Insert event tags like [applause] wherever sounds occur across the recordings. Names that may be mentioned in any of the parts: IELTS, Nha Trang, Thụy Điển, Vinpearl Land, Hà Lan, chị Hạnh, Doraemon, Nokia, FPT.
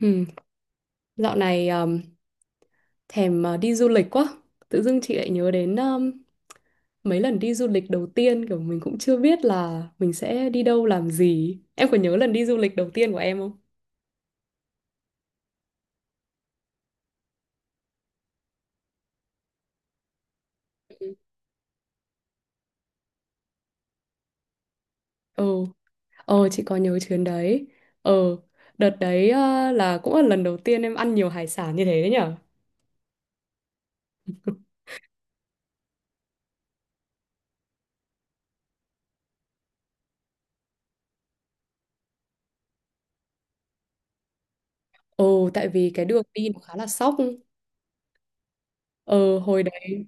Ừ, dạo này thèm đi du lịch quá. Tự dưng chị lại nhớ đến mấy lần đi du lịch đầu tiên kiểu mình cũng chưa biết là mình sẽ đi đâu làm gì. Em có nhớ lần đi du lịch đầu tiên của em không? Ừ, ừ. Ờ, chị có nhớ chuyến đấy. Ờ, đợt đấy là cũng là lần đầu tiên em ăn nhiều hải sản như thế đấy nhở? Ồ, tại vì cái đường đi nó khá là sóc. Ờ, hồi đấy.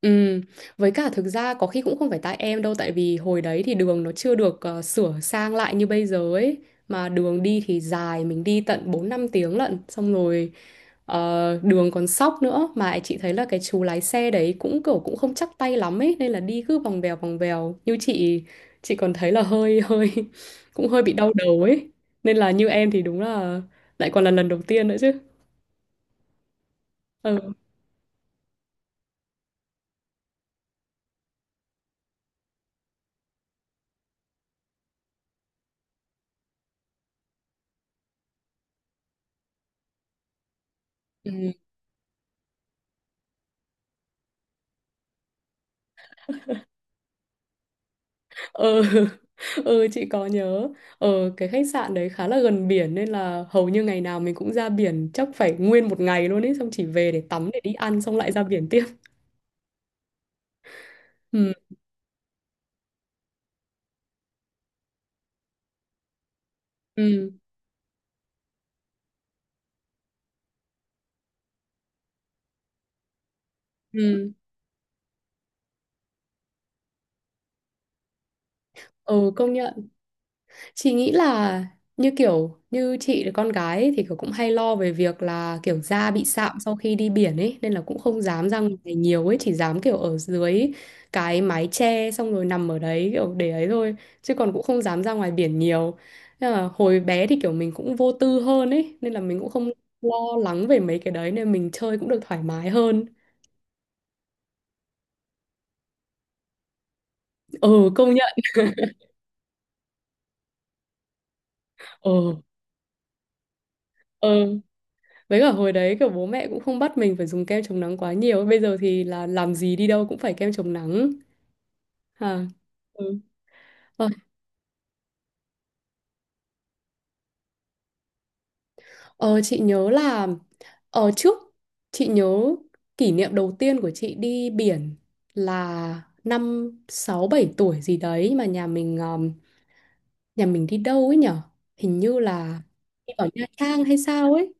Ừm, với cả thực ra có khi cũng không phải tại em đâu, tại vì hồi đấy thì đường nó chưa được sửa sang lại như bây giờ ấy, mà đường đi thì dài, mình đi tận 4 5 tiếng lận. Xong rồi đường còn sóc nữa, mà chị thấy là cái chú lái xe đấy cũng kiểu cũng không chắc tay lắm ấy, nên là đi cứ vòng vèo vòng vèo, như chị còn thấy là hơi hơi [laughs] cũng hơi bị đau đầu ấy, nên là như em thì đúng là lại còn là lần đầu tiên nữa chứ. Ừ. Ừ. [laughs] Ừ, chị có nhớ. ờ cái khách sạn đấy khá là gần biển, nên là hầu như ngày nào mình cũng ra biển, chắc phải nguyên một ngày luôn ấy, xong chỉ về để tắm, để đi ăn, xong lại ra biển tiếp. [laughs] Ừ. Ừ. Ừ. Ừ, công nhận. Chị nghĩ là như kiểu như chị là con gái ấy, thì kiểu cũng hay lo về việc là kiểu da bị sạm sau khi đi biển ấy, nên là cũng không dám ra ngoài nhiều ấy, chỉ dám kiểu ở dưới cái mái che xong rồi nằm ở đấy kiểu để ấy thôi, chứ còn cũng không dám ra ngoài biển nhiều. Nên là hồi bé thì kiểu mình cũng vô tư hơn ấy, nên là mình cũng không lo lắng về mấy cái đấy, nên mình chơi cũng được thoải mái hơn. Ừ, công nhận. Ừ. Ừ. Với cả hồi đấy kiểu bố mẹ cũng không bắt mình phải dùng kem chống nắng quá nhiều. Bây giờ thì là làm gì đi đâu cũng phải kem chống nắng. À. Ừ. Ờ, ờ, chị nhớ là ở trước, chị nhớ kỷ niệm đầu tiên của chị đi biển là năm 6 7 tuổi gì đấy, nhưng mà nhà mình đi đâu ấy nhở? Hình như là đi vào Nha Trang hay sao ấy.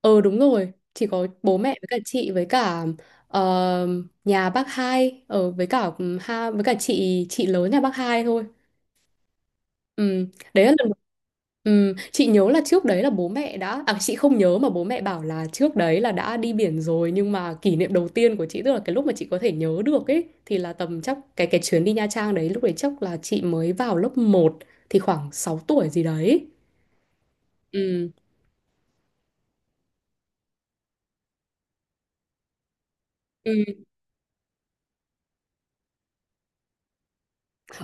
Ờ đúng rồi, chỉ có bố mẹ với cả chị với cả ờ, nhà bác hai ở với cả ừ, ha với cả chị lớn nhà bác hai thôi. Ừ, đấy là lần ừ, chị nhớ là trước đấy là bố mẹ đã à chị không nhớ, mà bố mẹ bảo là trước đấy là đã đi biển rồi, nhưng mà kỷ niệm đầu tiên của chị tức là cái lúc mà chị có thể nhớ được ấy thì là tầm chắc cái chuyến đi Nha Trang đấy, lúc đấy chắc là chị mới vào lớp một, thì khoảng 6 tuổi gì đấy. Ừ. Ừ.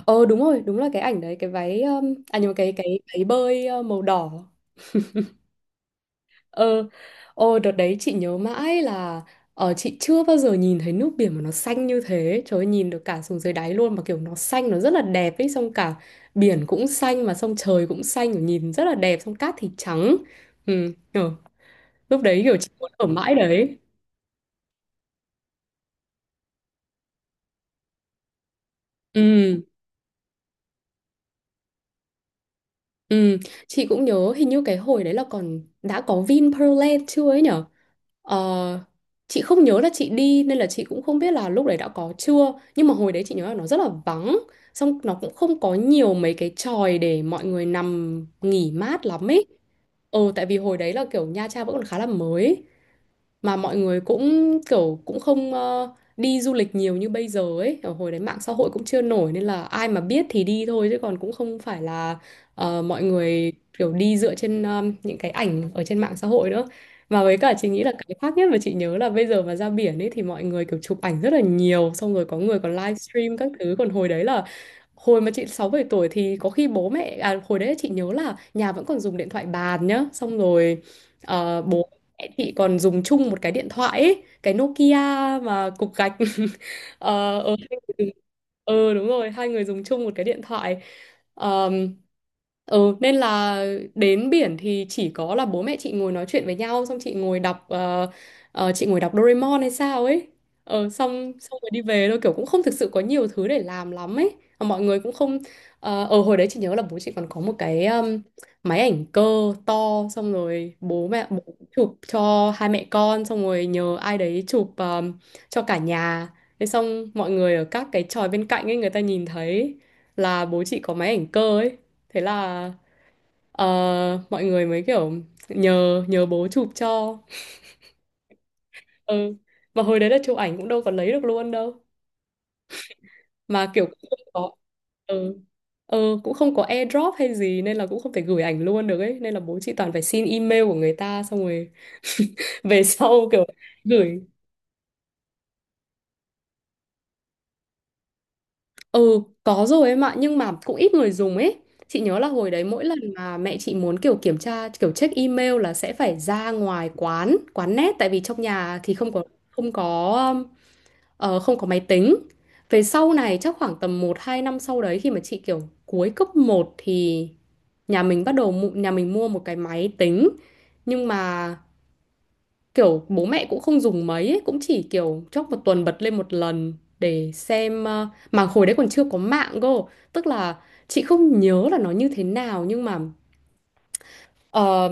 Ờ đúng rồi, đúng là cái ảnh đấy, cái váy à nhưng mà cái váy bơi màu đỏ. Ờ. Đợt đấy chị nhớ mãi là chị chưa bao giờ nhìn thấy nước biển mà nó xanh như thế. Trời ơi, nhìn được cả xuống dưới đáy luôn mà, kiểu nó xanh, nó rất là đẹp ấy, xong cả biển cũng xanh mà xong trời cũng xanh, kiểu nhìn rất là đẹp, xong cát thì trắng. Ừ, ờ, lúc đấy kiểu chị muốn ở mãi đấy. Ừ, ừ, chị cũng nhớ hình như cái hồi đấy là còn đã có Vinpearl Land chưa ấy nhở? Ờ, chị không nhớ là chị đi nên là chị cũng không biết là lúc đấy đã có chưa, nhưng mà hồi đấy chị nhớ là nó rất là vắng, xong nó cũng không có nhiều mấy cái chòi để mọi người nằm nghỉ mát lắm ấy. Tại vì hồi đấy là kiểu Nha Trang vẫn còn khá là mới, mà mọi người cũng kiểu cũng không đi du lịch nhiều như bây giờ ấy, ở hồi đấy mạng xã hội cũng chưa nổi nên là ai mà biết thì đi thôi, chứ còn cũng không phải là mọi người kiểu đi dựa trên những cái ảnh ở trên mạng xã hội nữa. Mà với cả chị nghĩ là cái khác nhất mà chị nhớ là bây giờ mà ra biển ấy thì mọi người kiểu chụp ảnh rất là nhiều, xong rồi có người còn livestream các thứ, còn hồi đấy là hồi mà chị 6 7 tuổi thì có khi bố mẹ à hồi đấy chị nhớ là nhà vẫn còn dùng điện thoại bàn nhá. Xong rồi Bố mẹ chị còn dùng chung một cái điện thoại ấy, cái Nokia mà cục gạch. [laughs] Ờ, ờ, hai người- dùng- ờ, Đúng rồi, hai người dùng chung một cái điện thoại. Ờm, ừ, nên là đến biển thì chỉ có là bố mẹ chị ngồi nói chuyện với nhau, xong chị ngồi đọc chị ngồi đọc Doraemon hay sao ấy. Ờ, xong xong rồi đi về thôi, kiểu cũng không thực sự có nhiều thứ để làm lắm ấy. Mà mọi người cũng không ờ. Hồi đấy chị nhớ là bố chị còn có một cái máy ảnh cơ to, xong rồi bố chụp cho hai mẹ con, xong rồi nhờ ai đấy chụp cho cả nhà. Thế xong mọi người ở các cái chòi bên cạnh ấy người ta nhìn thấy là bố chị có máy ảnh cơ ấy. Thế là ờ, mọi người mới kiểu nhờ nhờ bố chụp cho. Ừ. Mà hồi đấy là chụp ảnh cũng đâu có lấy được luôn đâu. Mà kiểu cũng không có. Ừ. Ừ, cũng không có airdrop hay gì nên là cũng không thể gửi ảnh luôn được ấy, nên là bố chị toàn phải xin email của người ta xong rồi [laughs] về sau kiểu gửi. Ừ, có rồi em ạ, nhưng mà cũng ít người dùng ấy. Chị nhớ là hồi đấy mỗi lần mà mẹ chị muốn kiểu kiểm tra, kiểu check email là sẽ phải ra ngoài quán net, tại vì trong nhà thì không có um, không có máy tính. Về sau này chắc khoảng tầm 1 2 năm sau đấy khi mà chị kiểu cuối cấp một thì nhà mình nhà mình mua một cái máy tính. Nhưng mà kiểu bố mẹ cũng không dùng mấy ấy, cũng chỉ kiểu chốc một tuần bật lên một lần để xem ờ, mà hồi đấy còn chưa có mạng cơ, tức là chị không nhớ là nó như thế nào nhưng mà ờ,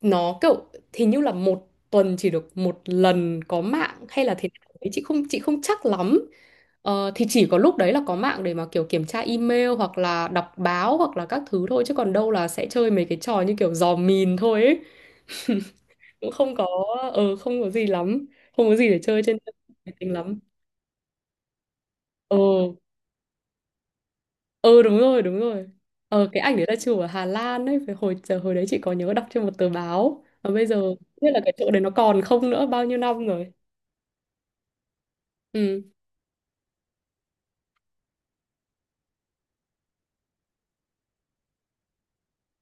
nó kiểu hình như là một tuần chỉ được một lần có mạng hay là thế nào đấy, chị không chắc lắm. Ờ, thì chỉ có lúc đấy là có mạng để mà kiểu kiểm tra email hoặc là đọc báo hoặc là các thứ thôi, chứ còn đâu là sẽ chơi mấy cái trò như kiểu dò mìn thôi ấy. Cũng không có không có gì lắm, không có gì để chơi trên máy tính lắm. Ờ, ờ đúng rồi, đúng rồi. Cái ảnh đấy là chụp ở Hà Lan ấy phải hồi đấy chị có nhớ đọc trên một tờ báo, và bây giờ không biết là cái chỗ đấy nó còn không nữa, bao nhiêu năm rồi. Ừ.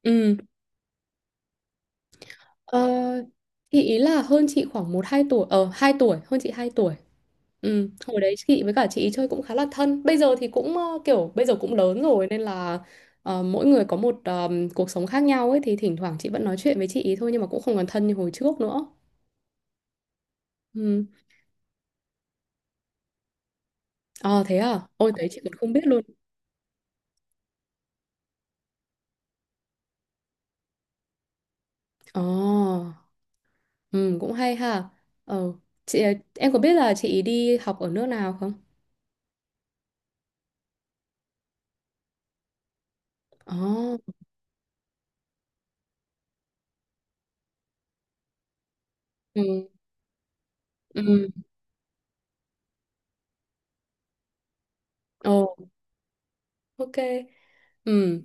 Ừ. Ờ, chị ý là hơn chị khoảng 1 2 tuổi hơn chị 2 tuổi. Ừ, hồi đấy chị với cả chị ý chơi cũng khá là thân. Bây giờ thì cũng ờ, kiểu bây giờ cũng lớn rồi nên là mỗi người có một cuộc sống khác nhau ấy, thì thỉnh thoảng chị vẫn nói chuyện với chị ý thôi nhưng mà cũng không còn thân như hồi trước nữa. Ừ. Ờ thế à? Ôi thế chị còn không biết luôn. Ờ. Ừ cũng hay ha. Ờ chị ờ, em có biết là chị ý đi học ở nước nào không? Ờ. Ừ. Ừ. Ồ, ok. Ừ,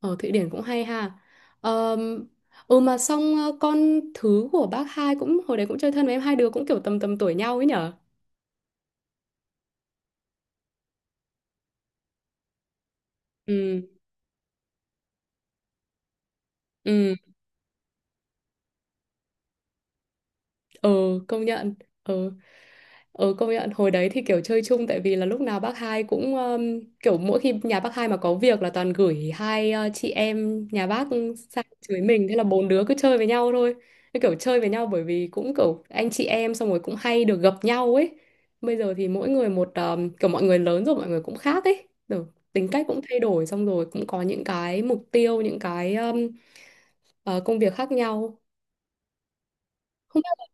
ở Thụy Điển cũng hay ha. Ờm, ừ, mà xong ờ, con thứ của bác hai cũng hồi đấy cũng chơi thân với em, hai đứa cũng kiểu tầm tầm tuổi nhau ấy nhở? Ừ, ừ. Ờ công nhận. Ừ. Ừ, công nhận hồi đấy thì kiểu chơi chung tại vì là lúc nào bác hai cũng kiểu mỗi khi nhà bác hai mà có việc là toàn gửi hai chị em nhà bác sang chửi mình, thế là bốn đứa cứ chơi với nhau thôi, cứ kiểu chơi với nhau bởi vì cũng kiểu anh chị em, xong rồi cũng hay được gặp nhau ấy. Bây giờ thì mỗi người một kiểu mọi người lớn rồi, mọi người cũng khác ấy rồi, tính cách cũng thay đổi, xong rồi cũng có những cái mục tiêu, những cái công việc khác nhau, không biết là-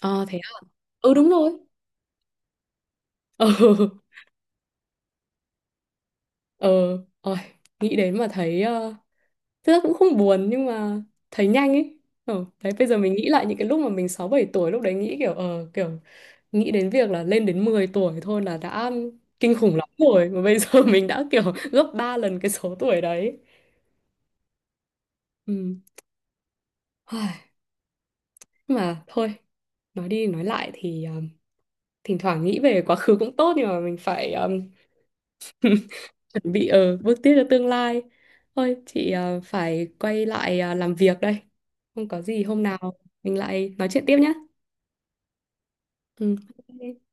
Ờ thế à? Ừ đúng rồi. [laughs] Ừ. Ờ. Ôi, nghĩ đến mà thấy ờ, thực ra cũng không buồn nhưng mà thấy nhanh ấy. Ờ, đấy bây giờ mình nghĩ lại những cái lúc mà mình 6 7 tuổi, lúc đấy nghĩ kiểu ờ kiểu nghĩ đến việc là lên đến 10 tuổi thôi là đã kinh khủng lắm rồi, mà bây giờ [laughs] mình đã kiểu gấp 3 lần cái số tuổi đấy. Ừ. Ai, mà thôi, nói đi nói lại thì thỉnh thoảng nghĩ về quá khứ cũng tốt, nhưng mà mình phải chuẩn bị ở bước tiếp cho tương lai. Thôi chị ờ, phải quay lại làm việc đây. Không có gì, hôm nào mình lại nói chuyện tiếp nhé. Ừ. Ok.